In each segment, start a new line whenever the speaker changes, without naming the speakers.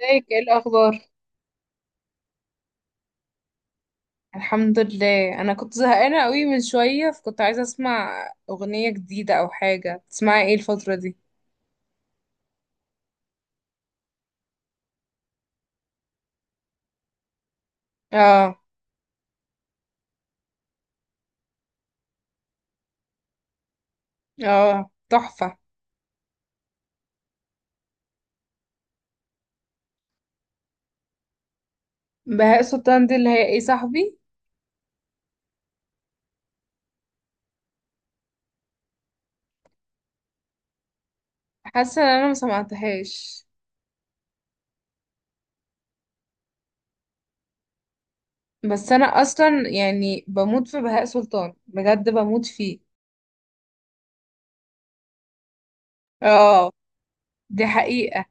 ازيك؟ ايه الاخبار؟ الحمد لله، انا كنت زهقانه قوي من شويه، فكنت عايزه اسمع اغنيه جديده او حاجه. تسمعي ايه الفتره دي؟ اه. اه تحفه. بهاء سلطان دي اللي هي ايه صاحبي؟ حاسه ان انا ما سمعتهاش. بس انا اصلا بموت في بهاء سلطان، بجد بموت فيه. اه. دي حقيقه.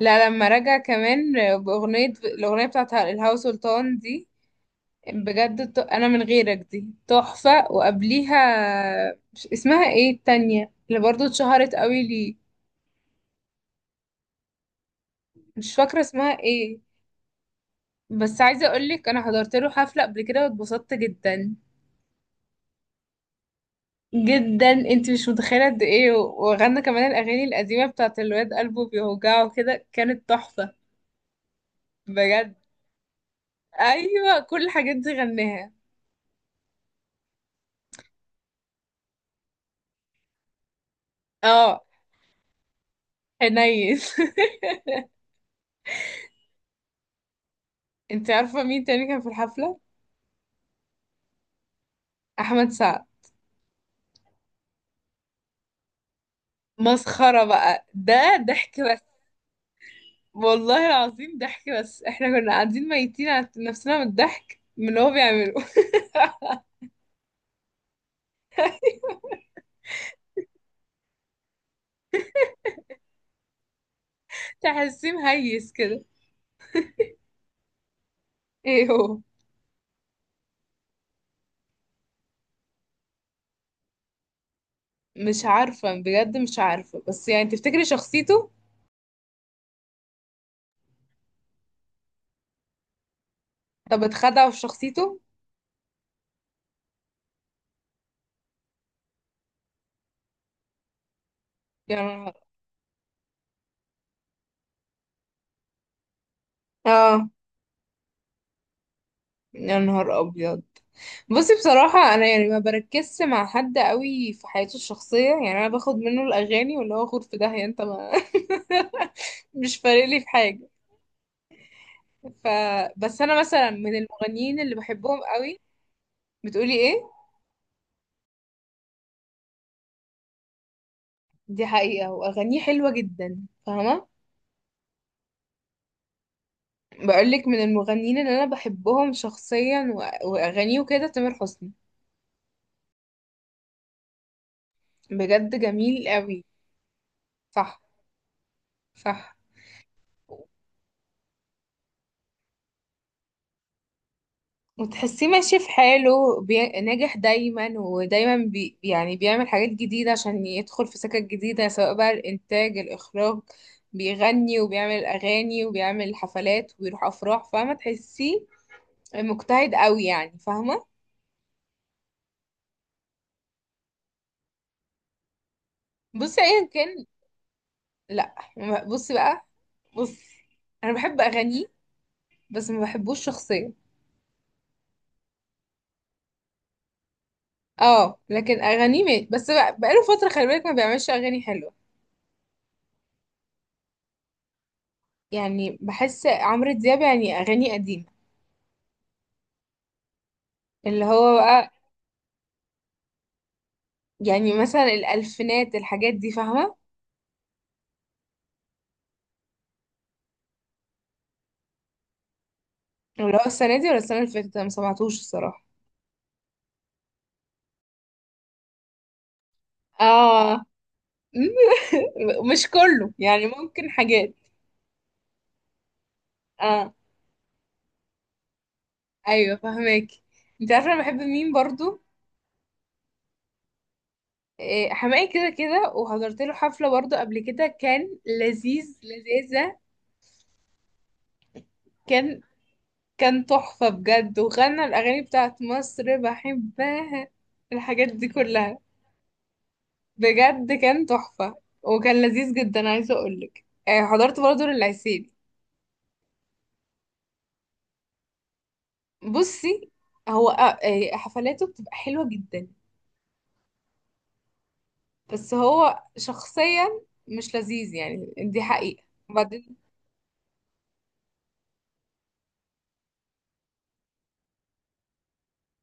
لا لما رجع كمان باغنيه، الاغنيه بتاعت الهوا سلطان دي بجد. انا من غيرك دي تحفة، وقبليها مش اسمها ايه؟ التانية اللي برضو اتشهرت قوي لي، مش فاكرة اسمها ايه. بس عايزة اقولك انا حضرت له حفلة قبل كده، واتبسطت جدا جدا. انت مش متخيلة قد ايه، وغنى كمان الاغاني القديمة بتاعت الواد قلبه بيوجعه كده، كانت تحفة بجد. ايوه كل الحاجات دي غناها. اه حنين. انت عارفة مين تاني كان في الحفلة؟ احمد سعد. مسخرة بقى، ده ضحك والله العظيم. ضحك بس، احنا كنا قاعدين ميتين على نفسنا من الضحك من اللي هو بيعمله. تحسيه مهيس كده. ايه هو؟ مش عارفة بجد، مش عارفة. بس تفتكري شخصيته؟ طب اتخدع في شخصيته. يا نهار. اه يا نهار ابيض. بصي بصراحة، أنا ما بركزش مع حد قوي في حياته الشخصية. يعني أنا باخد منه الأغاني، واللي هو خد في داهية أنت ما. مش فارق لي في حاجة. ف بس أنا مثلا من المغنيين اللي بحبهم قوي. بتقولي ايه؟ دي حقيقة، واغانيه حلوة جدا، فاهمة؟ بقولك من المغنيين اللي انا بحبهم شخصيا واغانيه وكده، تامر حسني. بجد جميل قوي. صح صح. وتحسيه ماشي في حاله ناجح دايما، ودايما يعني بيعمل حاجات جديدة عشان يدخل في سكك جديدة، سواء بقى الإنتاج، الإخراج، بيغني، وبيعمل أغاني، وبيعمل حفلات، وبيروح أفراح. فاهمة؟ تحسيه مجتهد قوي يعني، فاهمة؟ بصي، أيا كان. لا ما- بصي بقى. بصي انا بحب اغانيه، بس ما بحبوش شخصيا. اه لكن اغانيه مات، بس بقى بقاله فتره خلي بالك ما بيعملش اغاني حلوه. يعني بحس عمرو دياب يعني اغاني قديمه، اللي هو بقى يعني مثلا الالفينات، الحاجات دي، فاهمه؟ اللي هو السنه دي ولا السنه اللي فاتت، أنا ما سمعتوش الصراحه. اه. مش كله يعني، ممكن حاجات. اه ايوه فاهماكي. انت عارفه انا بحب مين برضو؟ حماقي، كده كده. وحضرت له حفلة برضه قبل كده، كان لذيذ لذيذة. كان كان تحفة بجد، وغنى الأغاني بتاعت مصر، بحبها الحاجات دي كلها، بجد كان تحفة. وكان لذيذ جدا. عايزة أقولك حضرت برضه للعسيلي. بصي هو آه، إيه، حفلاته بتبقى حلوة جدا، بس هو شخصيا مش لذيذ يعني، دي حقيقة. وبعدين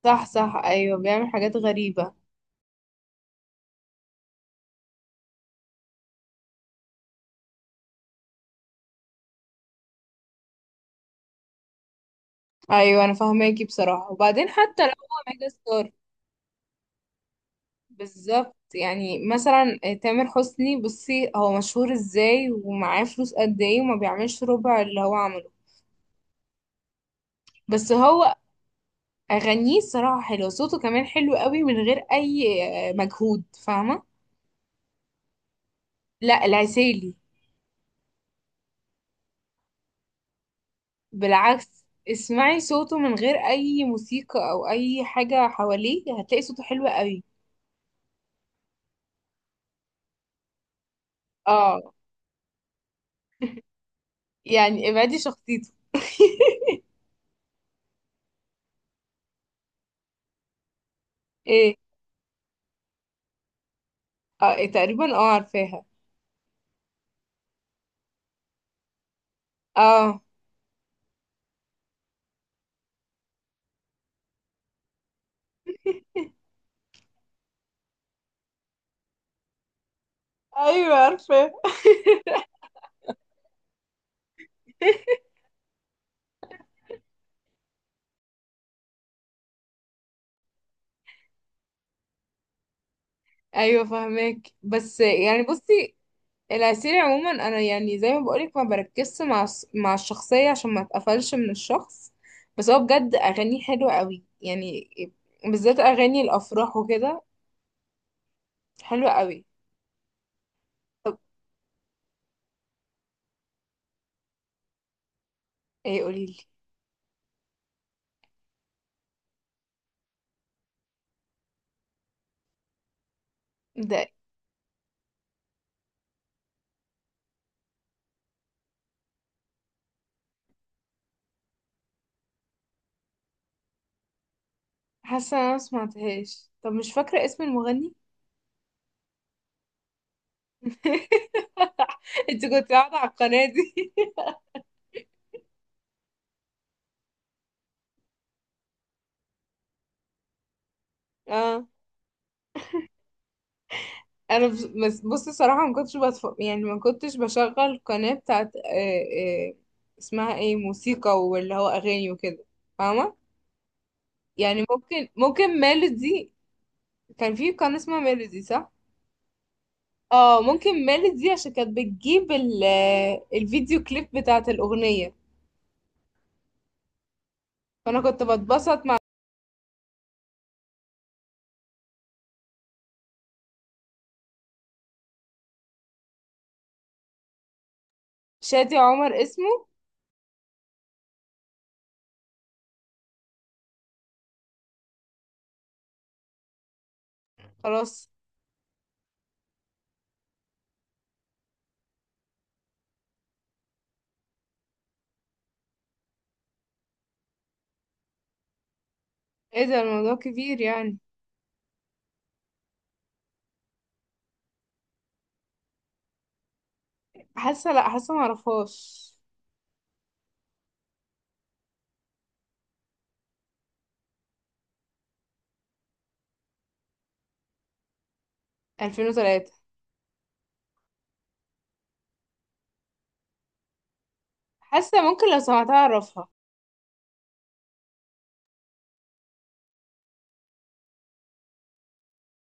صح صح أيوه، بيعمل حاجات غريبة. ايوه انا فاهماكي بصراحه. وبعدين حتى لو هو ميجا ستار، بالظبط. يعني مثلا تامر حسني بصي، هو مشهور ازاي ومعاه فلوس قد ايه، وما بيعملش ربع اللي هو عمله. بس هو اغانيه الصراحه حلوه، صوته كمان حلو قوي من غير اي مجهود، فاهمه؟ لا العسيلي بالعكس، اسمعي صوته من غير اي موسيقى او اي حاجه حواليه، هتلاقي صوته حلو قوي. اه يعني ابعدي شخصيته. ايه؟ اه تقريبا اه عارفاها. اه ايوه عارفه. ايوه فاهمك، بس بصي العسيل عموما، انا يعني زي ما بقولك ما بركزش مع مع الشخصيه، عشان ما اتقفلش من الشخص. بس هو بجد اغانيه حلوه قوي يعني، بالذات اغاني الافراح وكده، حلوه قوي. طب ايه؟ قوليلي ده. حاسه انا ما سمعتهاش. طب مش فاكره اسم المغني. انت كنت قاعده على القناه دي؟ اه. انا بصي صراحه ما كنتش بتف... يعني ما كنتش بشغل قناه بتاعت اسمها ايه؟ موسيقى، واللي هو اغاني وكده، فاهمه؟ يعني ممكن، ممكن ميلودي. كان في قناه اسمها ميلودي صح؟ اه ممكن ميلودي، عشان كانت بتجيب ال... آه، الفيديو كليب بتاعت الاغنيه. فانا كنت بتبسط مع شادي عمر اسمه. خلاص. ايه ده؟ الموضوع كبير يعني. حاسه، لا حاسه ما اعرفهاش. 2003. حاسه ممكن لو سمعتها اعرفها.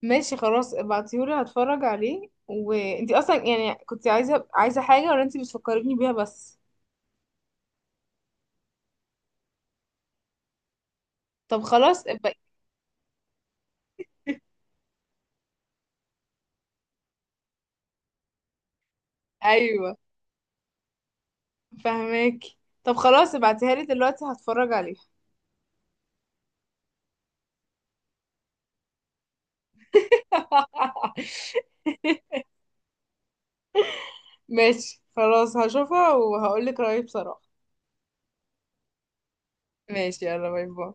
ماشي خلاص، ابعتيهولي هتفرج عليه. وانتي اصلا كنت عايزه حاجه ولا انتي بتفكريني بيها بس؟ طب خلاص ابقى. ايوه فهماكي. طب خلاص ابعتيها لي دلوقتي هتفرج عليها. ماشي خلاص، هشوفها وهقولك رأيي بصراحه. ماشي يلا، باي باي.